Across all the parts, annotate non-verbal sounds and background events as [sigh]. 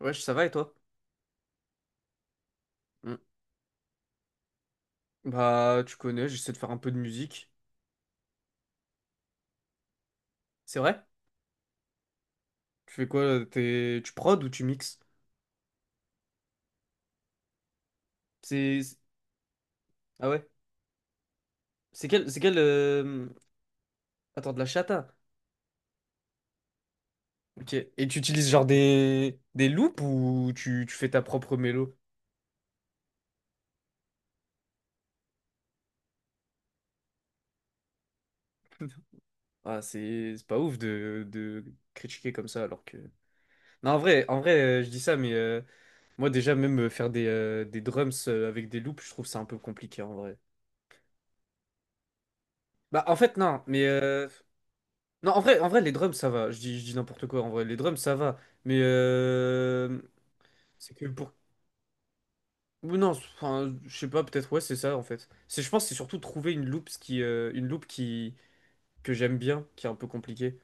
Wesh, ça va et toi? Mm. Bah, tu connais, j'essaie de faire un peu de musique. C'est vrai? Tu fais quoi? Là T'es... Tu prod ou tu mixes? C'est... c'est- Ah ouais? C'est quel... C'est quel... euh, de la chata? Ok. Et tu utilises genre Des loops ou tu fais ta propre mélo? [laughs] Ah, c'est pas ouf de critiquer comme ça alors que... Non, en vrai, je dis ça, mais moi déjà, même faire des drums avec des loops, je trouve ça un peu compliqué en vrai. Bah, en fait, non, non, en vrai, les drums, ça va. Je dis n'importe quoi. En vrai, les drums, ça va. Mais c'est que pour. Ou Non, enfin, je sais pas. Peut-être ouais, c'est ça en fait. C'est, je pense, que c'est surtout trouver une loop ce qui, une loop qui que j'aime bien, qui est un peu compliquée.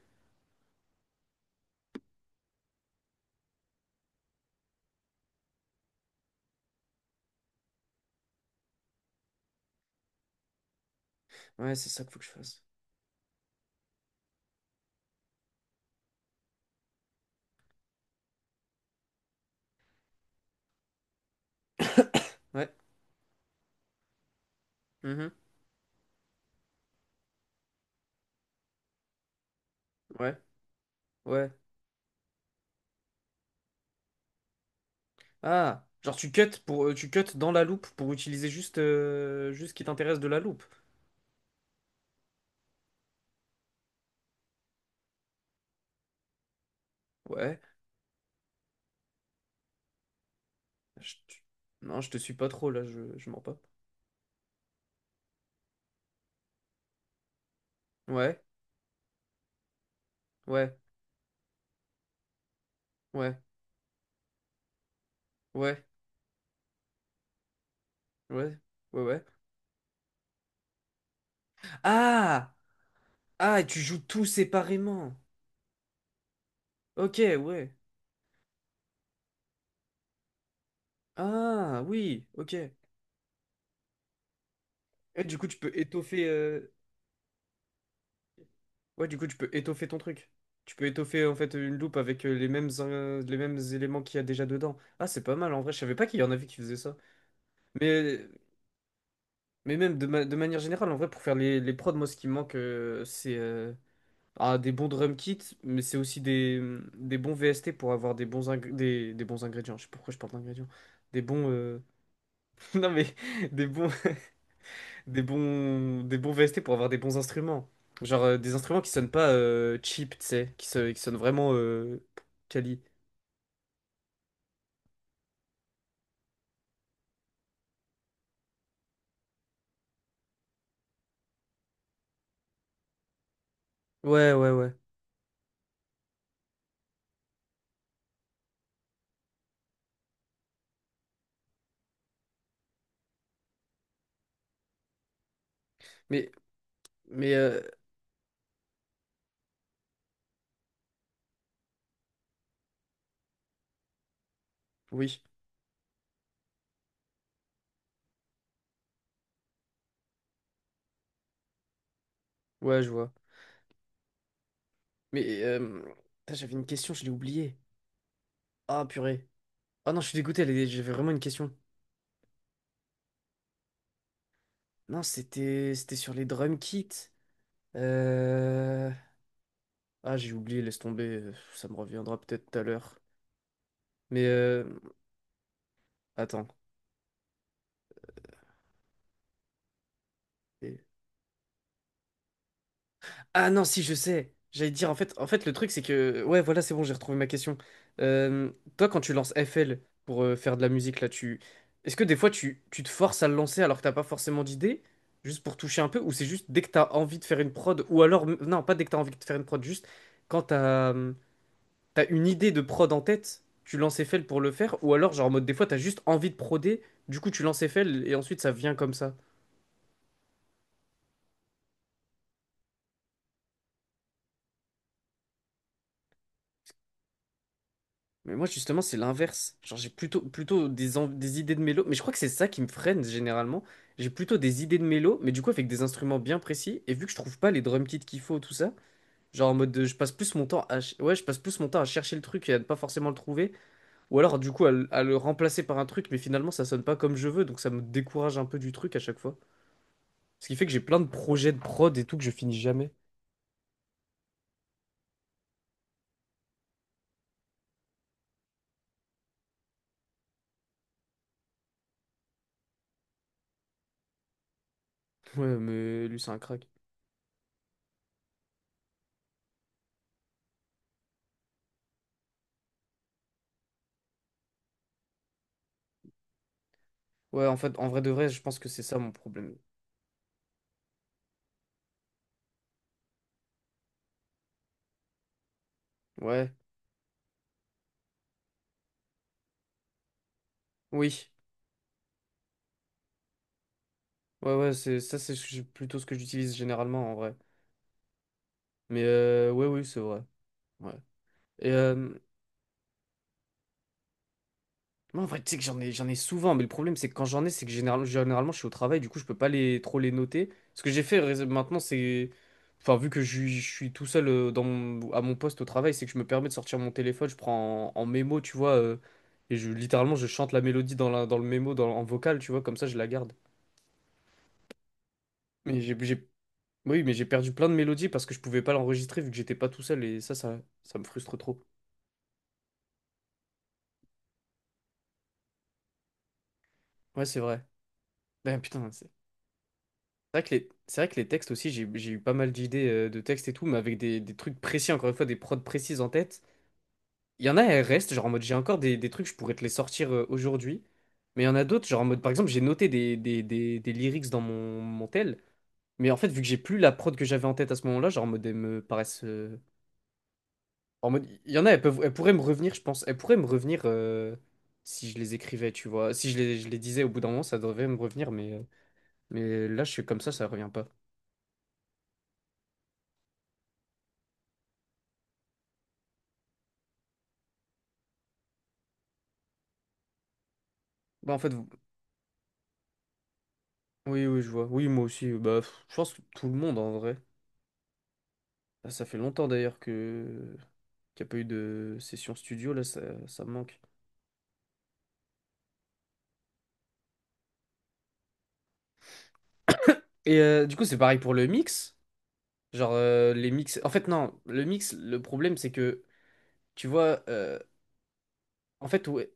Ouais, c'est ça qu'il faut que je fasse. Ouais. Mhm. Ouais. Ouais. Ah, genre tu cut tu cut dans la loop pour utiliser juste, juste ce qui t'intéresse de la loop. Ouais. Je- tu- Non, je te suis pas trop là. Je mens pas. Ouais. Ouais. Ouais. Ouais. Ouais. Ouais. Ouais. Ah! Ah, tu joues tout séparément. Ok, ouais. Ah, oui, ok. Et du coup, tu peux étoffer. Ouais, du coup, tu peux étoffer ton truc. Tu peux étoffer en fait une loupe avec les mêmes éléments qu'il y a déjà dedans. Ah, c'est pas mal en vrai. Je savais pas qu'il y en avait qui faisaient ça. Mais, mais même de manière générale, en vrai, pour faire les prods, moi, ce qui me manque, c'est ah, des bons drum kits, mais c'est aussi des bons VST pour avoir des bons, des bons ingrédients. Je sais pas pourquoi je parle d'ingrédients. Des bons. Non mais [laughs] des bons [laughs] des bons VST pour avoir des bons instruments. Des instruments qui sonnent pas cheap, tu sais, qui sonnent vraiment quali. Ouais, ouais, ouais. Mais mais euh, oui, ouais, je vois. Mais euh, Putain, j'avais une question, je l'ai oubliée. Ah purée. Ah non, je suis dégoûté, j'avais vraiment une question. Non, c'était sur les drum kits. Euh... Ah, j'ai oublié, laisse tomber, ça me reviendra peut-être tout à l'heure. Mais euh, Attends. Ah non, si, je sais. J'allais dire, en fait, le truc, c'est que... Ouais, voilà, c'est bon, j'ai retrouvé ma question. Euh, Toi, quand tu lances FL pour faire de la musique, là, tu... Est-ce que des fois, tu te forces à le lancer alors que t'as pas forcément d'idée, juste pour toucher un peu, ou c'est juste dès que t'as envie de faire une prod, ou non, pas dès que t'as envie de faire une prod, juste quand t'as une idée de prod en tête, tu lances FL pour le faire, ou alors, genre, en mode, des fois, t'as juste envie de proder, du coup, tu lances FL, et ensuite, ça vient comme ça. Mais moi, justement, c'est l'inverse. Genre, j'ai plutôt des idées de mélo. Mais je crois que c'est ça qui me freine généralement. J'ai plutôt des idées de mélo, mais du coup, avec des instruments bien précis. Et vu que je trouve pas les drum kits qu'il faut, tout ça, genre en mode je passe plus mon temps ouais, je passe plus mon temps à chercher le truc et à ne pas forcément le trouver. Ou alors, du coup, à le remplacer par un truc, mais finalement, ça sonne pas comme je veux. Donc, ça me décourage un peu du truc à chaque fois. Ce qui fait que j'ai plein de projets de prod et tout que je finis jamais. Ouais, mais lui, c'est un crack. Ouais, en fait, en vrai de vrai, je pense que c'est ça mon problème. Ouais. Oui. Ouais, ouais, c'est ça, c'est ce que plutôt ce que j'utilise généralement en vrai. Ouais, oui, c'est vrai. Ouais. Et moi, en vrai, tu sais que j'en ai souvent, mais le problème, c'est que quand j'en ai, c'est que généralement, je suis au travail, du coup, je peux pas trop les noter. Ce que j'ai fait maintenant, c'est. Enfin, vu que je suis tout seul dans à mon poste au travail, c'est que je me permets de sortir mon téléphone, je prends en mémo, tu vois, et je littéralement, je chante la mélodie dans le mémo, en vocal, tu vois, comme ça, je la garde. Mais j'ai Oui, mais j'ai perdu plein de mélodies parce que je pouvais pas l'enregistrer vu que j'étais pas tout seul et ça me frustre trop. Ouais, c'est vrai. Ben putain, c'est vrai que c'est vrai que les textes aussi, j'ai eu pas mal d'idées de textes et tout, mais avec des trucs précis, encore une fois, des prods précises en tête. Il y en a, elles restent, genre en mode j'ai encore des, trucs, je pourrais te les sortir aujourd'hui. Mais il y en a d'autres, genre en mode par exemple, j'ai noté des lyrics dans mon tel, mais en fait, vu que j'ai plus la prod que j'avais en tête à ce moment-là, genre en mode elles me paraissent en mode, il y en a, elles pourraient me revenir, je pense. Elles pourraient me revenir si je les écrivais, tu vois. Si je les disais au bout d'un moment, ça devrait me revenir, mais là, je suis comme ça revient pas. Bah, en fait, vous- oui, oui, je vois. Oui, moi aussi. Bah, pff, je pense que tout le monde, en vrai. Là, ça fait longtemps, d'ailleurs, que qu'il n'y a pas eu de session studio, ça me manque. Et du coup, c'est pareil pour le mix. Genre, les mix... En fait, non, le mix, le problème, c'est que, tu vois, en fait, ouais,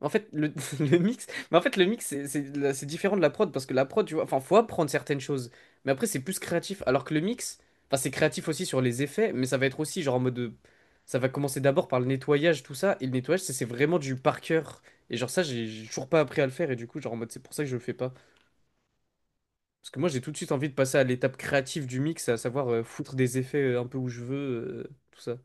En fait, le, [laughs] le mix, mais en fait, le mix, c'est différent de la prod parce que la prod, tu vois, enfin, faut apprendre certaines choses, mais après, c'est plus créatif. Alors que le mix, enfin, c'est créatif aussi sur les effets, mais ça va être aussi ça va commencer d'abord par le nettoyage, tout ça, et le nettoyage, c'est vraiment du par cœur. Et genre ça, j'ai toujours pas appris à le faire, et du coup, genre en mode, c'est pour ça que je le fais pas. Parce que moi, j'ai tout de suite envie de passer à l'étape créative du mix, à savoir foutre des effets un peu où je veux, tout ça.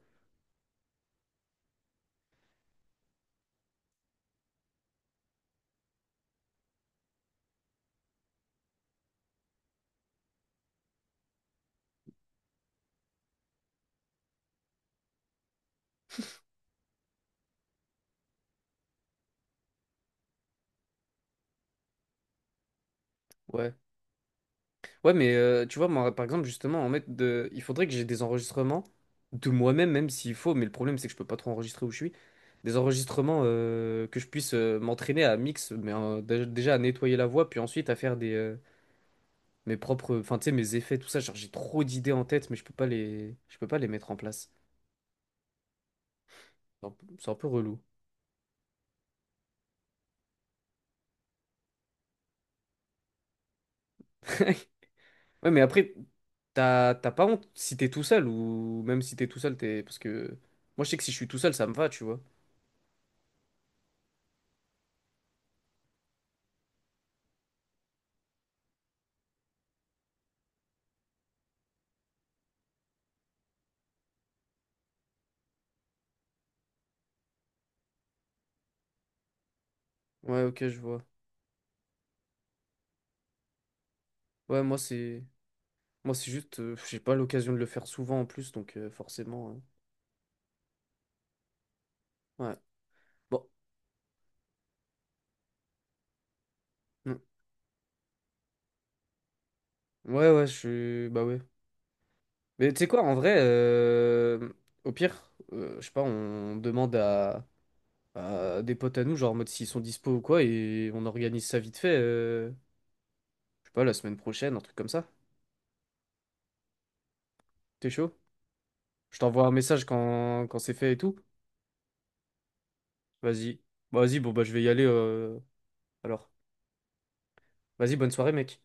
Ouais. Ouais, mais tu vois, moi, par exemple, justement, il faudrait que j'ai des enregistrements de moi-même, même s'il faut, mais le problème, c'est que je peux pas trop enregistrer où je suis. Des enregistrements que je puisse m'entraîner à mix, mais déjà à nettoyer la voix, puis ensuite à faire des mes propres, enfin, tu sais, mes effets, tout ça. Genre, j'ai trop d'idées en tête, mais je peux pas je peux pas les mettre en place. C'est un peu relou. [laughs] Ouais, mais après, t'as pas honte si t'es tout seul, ou même si t'es tout seul, t'es... Parce que moi, je sais que si je suis tout seul, ça me va, tu vois. Ouais, ok, je vois. Ouais, moi, c'est... Moi, c'est juste, j'ai pas l'occasion de le faire souvent en plus, donc forcément. Ouais. Bon. Mm. Ouais, ouais, je suis. Bah ouais. Mais tu sais quoi, en vrai, au pire, je sais pas, à des potes à nous, genre en mode s'ils sont dispo ou quoi, et on organise ça vite fait. Je sais pas, la semaine prochaine, un truc comme ça. T'es chaud? Je t'envoie un message quand c'est fait et tout. Vas-y. Bah, Vas-y, bon, bah je vais y aller alors. Vas-y, bonne soirée, mec.